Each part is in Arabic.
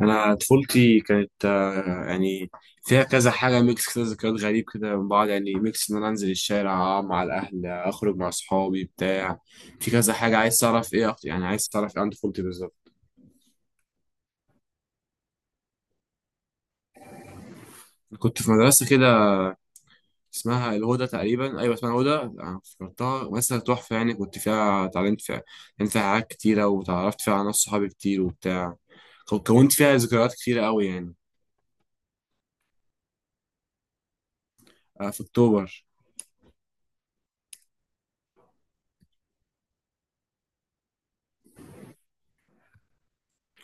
انا طفولتي كانت يعني فيها كذا حاجه ميكس كده ذكريات غريب كده من بعض، يعني ميكس ان انا انزل الشارع أقعد مع الاهل اخرج مع اصحابي بتاع. في كذا حاجه عايز تعرف ايه يعني عايز تعرف ايه عن طفولتي بالظبط؟ كنت في مدرسه كده اسمها الهدى تقريبا، ايوه اسمها الهدى. أنا افتكرتها مدرسه تحفه يعني، كنت فيها اتعلمت فيها اتعلمت فيها حاجات كتيره، وتعرفت فيها على ناس صحابي كتير وبتاع. كونت فيها ذكريات كتيره قوي يعني. في اكتوبر.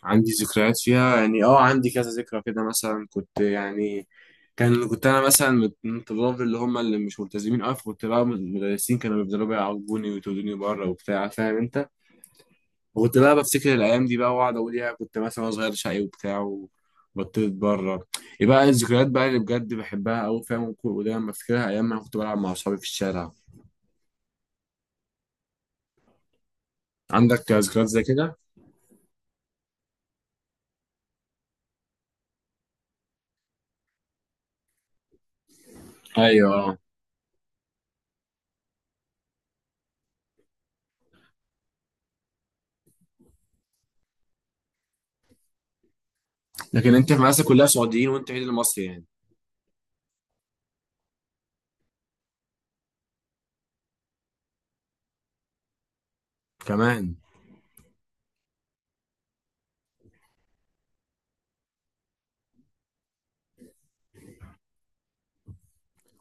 عندي ذكريات فيها يعني، اه عندي كذا ذكرى كده، مثلا كنت يعني كان كنت انا مثلا من الطلاب اللي هم اللي مش ملتزمين قوي، فكنت بقى المدرسين كانوا بيفضلوا بقى يعاقبوني ويطردوني بره وبتاع، فاهم انت. وكنت بقى بفتكر الايام دي بقى واقعد اقول يا كنت مثلا وأنا صغير شقي وبتاع، وبطلت بره. يبقى الذكريات بقى اللي بجد بحبها قوي فاهم، ودايما بفتكرها ايام ما كنت بلعب مع اصحابي في الشارع. عندك ذكريات زي كده؟ ايوه. لكن انت في مدرسه كلها سعوديين وانت عيد المصري يعني كمان.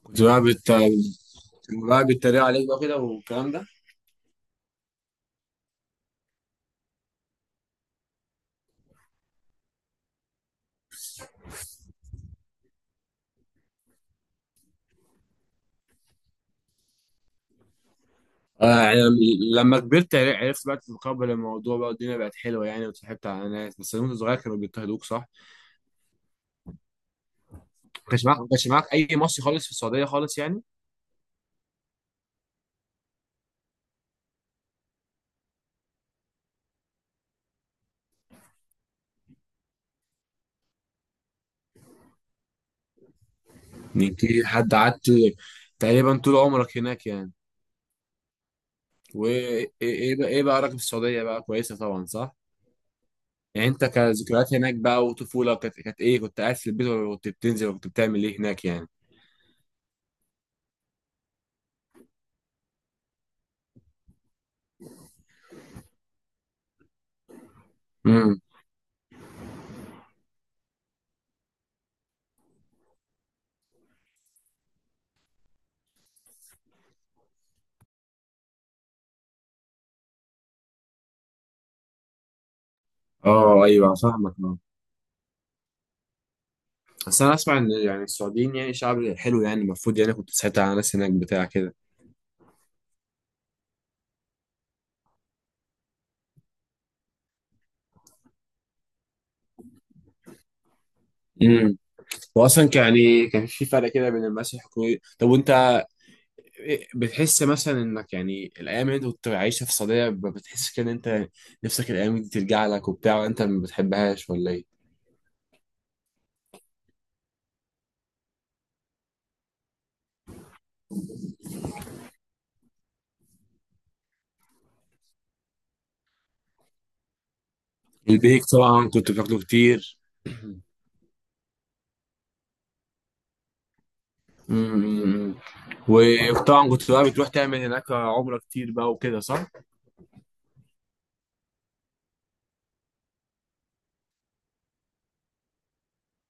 كنت بقى بت... لما بقى بيتريقوا عليك بقى كده والكلام ده. آه يعني لما كبرت عرفت بقى تتقبل الموضوع بقى والدنيا بقت حلوه يعني وتصاحبت على ناس، بس وانت صغير كانوا بيضطهدوك صح؟ ما كانش معاك ما كانش معاك اي مصري خالص في السعوديه خالص يعني؟ انت حد قعدت تقريبا طول عمرك هناك يعني. وايه ايه إيه إيه بقى، ايه بقى رايك في السعوديه بقى، كويسه طبعا صح؟ يعني انت كذكريات هناك بقى وطفوله كانت كانت ايه، كنت قاعد في البيت ولا كنت بتنزل ولا كنت بتعمل ايه هناك يعني؟ امم. اه ايوه فاهمك آه. بس انا اسمع ان يعني السعوديين يعني شعب حلو يعني، المفروض يعني كنت ساعتها على ناس هناك بتاع كده. امم. واصلا كان يعني كان في فرق كده بين المدارس الحكوميه، طب وانت بتحس مثلا انك يعني الايام اللي انت كنت عايشها في السعوديه بتحس كده ان انت نفسك الايام دي ترجع لك وبتاع، وانت ما بتحبهاش ولا ايه؟ البيك طبعا كنت بتاكله كتير. أمم. وطبعا كنت بقى بتروح تعمل هناك عمره كتير بقى وكده صح.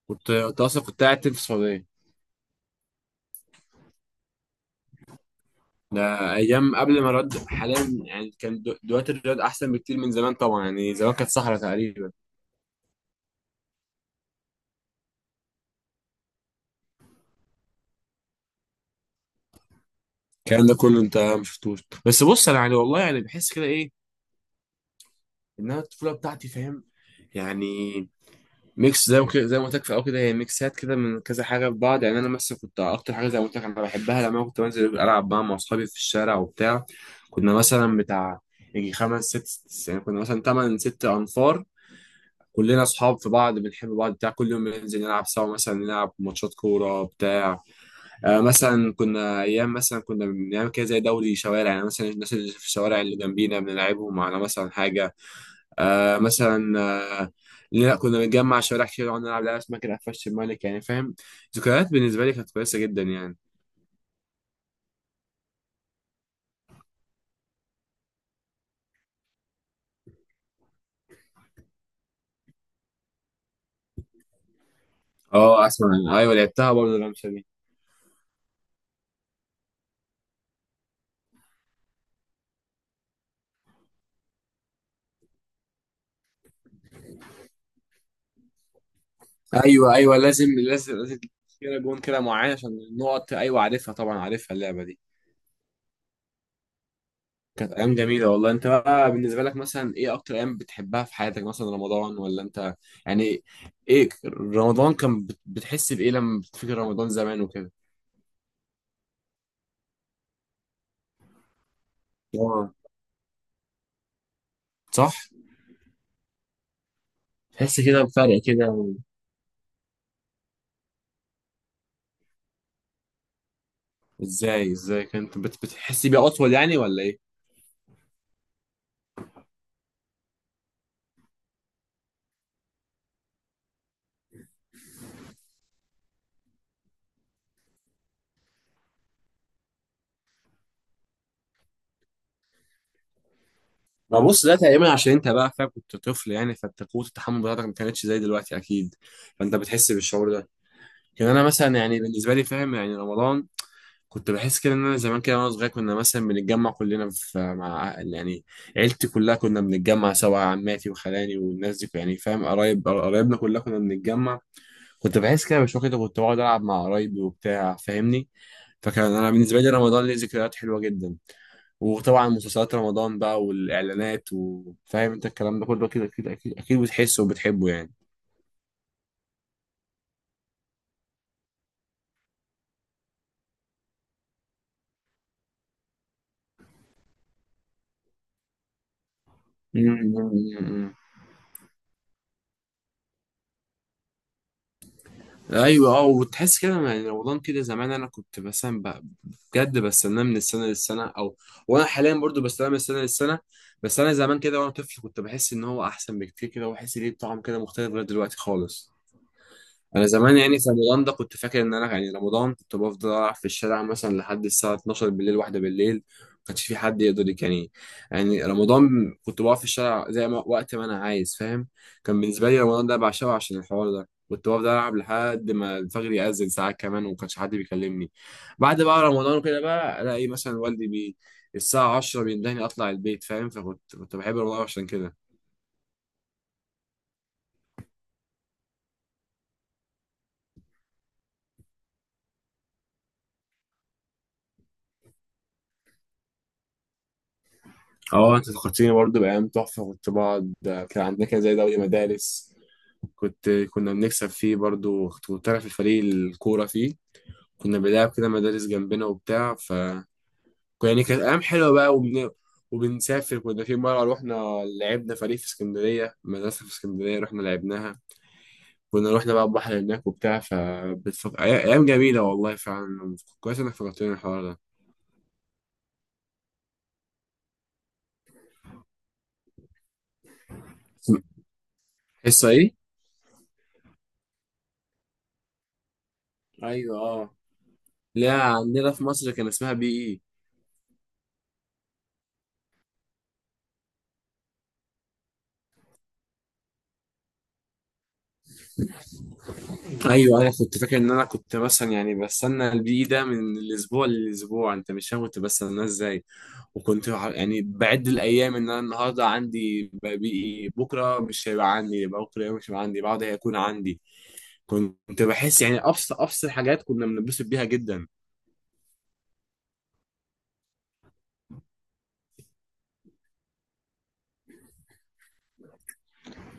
كنت أنت اصلا كنت قاعد في السعوديه. ده ايام قبل ما الرياض حاليا، يعني كان دلوقتي الرياض احسن بكتير من زمان طبعا، يعني زمان كانت صحراء تقريبا. الكلام ده كله انت ما شفتوش. بس بص انا يعني والله يعني بحس كده ايه، ان انا الطفوله بتاعتي فاهم يعني ميكس زي ما قلت لك في الاول كده، هي ميكسات كده من كذا حاجه في بعض يعني. انا مثلا كنت اكتر حاجه زي ما قلت لك انا بحبها لما كنت بنزل العب بقى مع اصحابي في الشارع وبتاع. كنا مثلا بتاع يجي خمس ست يعني، كنا مثلا تمن ست انفار، كلنا اصحاب في بعض بنحب بعض بتاع، كل يوم بننزل نلعب سوا مثلا نلعب ماتشات كوره بتاع. مثلا كنا ايام مثلا كنا بنعمل كده زي دوري شوارع يعني، مثلا الناس اللي في الشوارع اللي جنبينا بنلعبهم على مثلا حاجه. آه مثلا آه لا كنا بنجمع شوارع كتير ونقعد نلعب لعبه اسمها كده قفشت الملك يعني فاهم. ذكريات بالنسبه لي كانت كويسه جدا يعني. اه اسمع، ايوه لعبتها برضه الرمشه دي. ايوه ايوه لازم. كده جون كده معين عشان النقط، ايوه عارفها طبعا عارفها اللعبه دي. كانت ايام جميله والله. انت بقى بالنسبه لك مثلا ايه اكتر ايام بتحبها في حياتك، مثلا رمضان ولا انت يعني ايه؟ رمضان كان بتحس بايه لما بتفكر رمضان زمان وكده؟ اه صح. تحس كده بفرق كده و ازاي كنت بتحس بيه اطول يعني ولا ايه؟ ما بص، ده تقريبا عشان انت بقى فاهم كنت طفل يعني، فانت قوه التحمل بتاعتك ما كانتش زي دلوقتي اكيد، فانت بتحس بالشعور ده. كان انا مثلا يعني بالنسبه لي فاهم يعني رمضان، كنت بحس كده ان انا زمان كده وانا صغير كنا مثلا بنتجمع كلنا في مع يعني عيلتي كلها، كنا بنتجمع سوا عماتي وخلاني والناس دي يعني فاهم، قرايب قرايبنا كلها كنا بنتجمع. كنت بحس كده بشويه كده، كنت بقعد العب مع قرايبي وبتاع فاهمني. فكان انا بالنسبه لي رمضان ليه ذكريات حلوه جدا. وطبعا مسلسلات رمضان بقى والاعلانات، وفاهم انت الكلام ده كله كده، اكيد بتحسه وبتحبه يعني. ايوه اه. وتحس كده يعني رمضان كده زمان، انا كنت مثلا بجد بستناه من السنه للسنه او وانا حاليا برضو بستناه من السنه للسنه. بس انا زمان كده وانا طفل كنت بحس ان هو احسن بكتير كده، واحس ليه طعم كده مختلف غير دلوقتي خالص. انا زمان يعني في رمضان ده كنت فاكر ان انا يعني رمضان كنت بفضل ألعب في الشارع مثلا لحد الساعه 12 بالليل، واحده بالليل ما كانش في حد يقدر يعني، يعني رمضان كنت بقف في الشارع زي ما وقت ما انا عايز فاهم. كان بالنسبه لي رمضان ده بعشقه عشان الحوار ده، كنت بفضل العب لحد ما الفجر يأذن ساعات كمان وما كانش حد بيكلمني. بعد بقى رمضان وكده بقى الاقي مثلا والدي بي الساعه 10 بيندهني اطلع البيت فاهم، فكنت كنت بحب رمضان عشان كده. اه انت فكرتيني برضه بايام تحفه. كنت بقعد، كان عندنا كده زي دوري مدارس، كنا بنكسب فيه برضو، كنت أنا في الفريق الكورة فيه، كنا بنلعب كده مدارس جنبنا وبتاع ف يعني كانت أيام حلوة بقى. وبنسافر، كنا في مرة رحنا لعبنا فريق في اسكندرية، مدرسة في اسكندرية رحنا لعبناها، كنا رحنا بقى البحر هناك وبتاع ف أيام جميلة والله فعلا، كويس إنك فكرتني الحوار ده. حصة إيه؟ أيوه أه. لا عندنا في مصر كان اسمها بي إي. ايوه انا كنت فاكر ان انا كنت مثلا يعني بستنى البي ده من الاسبوع للاسبوع، انت مش فاهم كنت بستناه ازاي. وكنت يعني بعد الايام ان انا النهارده عندي بي، بكره مش هيبقى عندي، يبقى بكره مش هيبقى عندي بعده هيكون عندي. كنت بحس يعني ابسط ابسط حاجات كنا بنتبسط بيها جدا.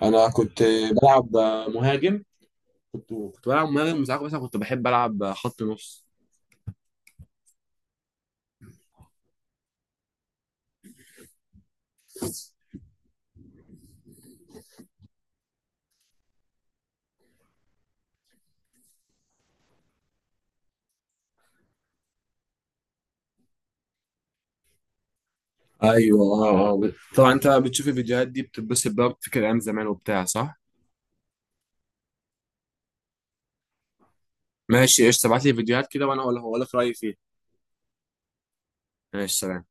انا كنت بلعب مهاجم. كنت بلعب مهاجم، ساعات مثلا كنت بحب العب خط نص. ايوه اه آه. طبعا انت بتشوف الفيديوهات دي بتتبسط بقى بتفكر ايام زمان وبتاع صح. ماشي قشطة، ابعت لي فيديوهات كده وانا هقول لك رأيي فيها. ماشي سلام.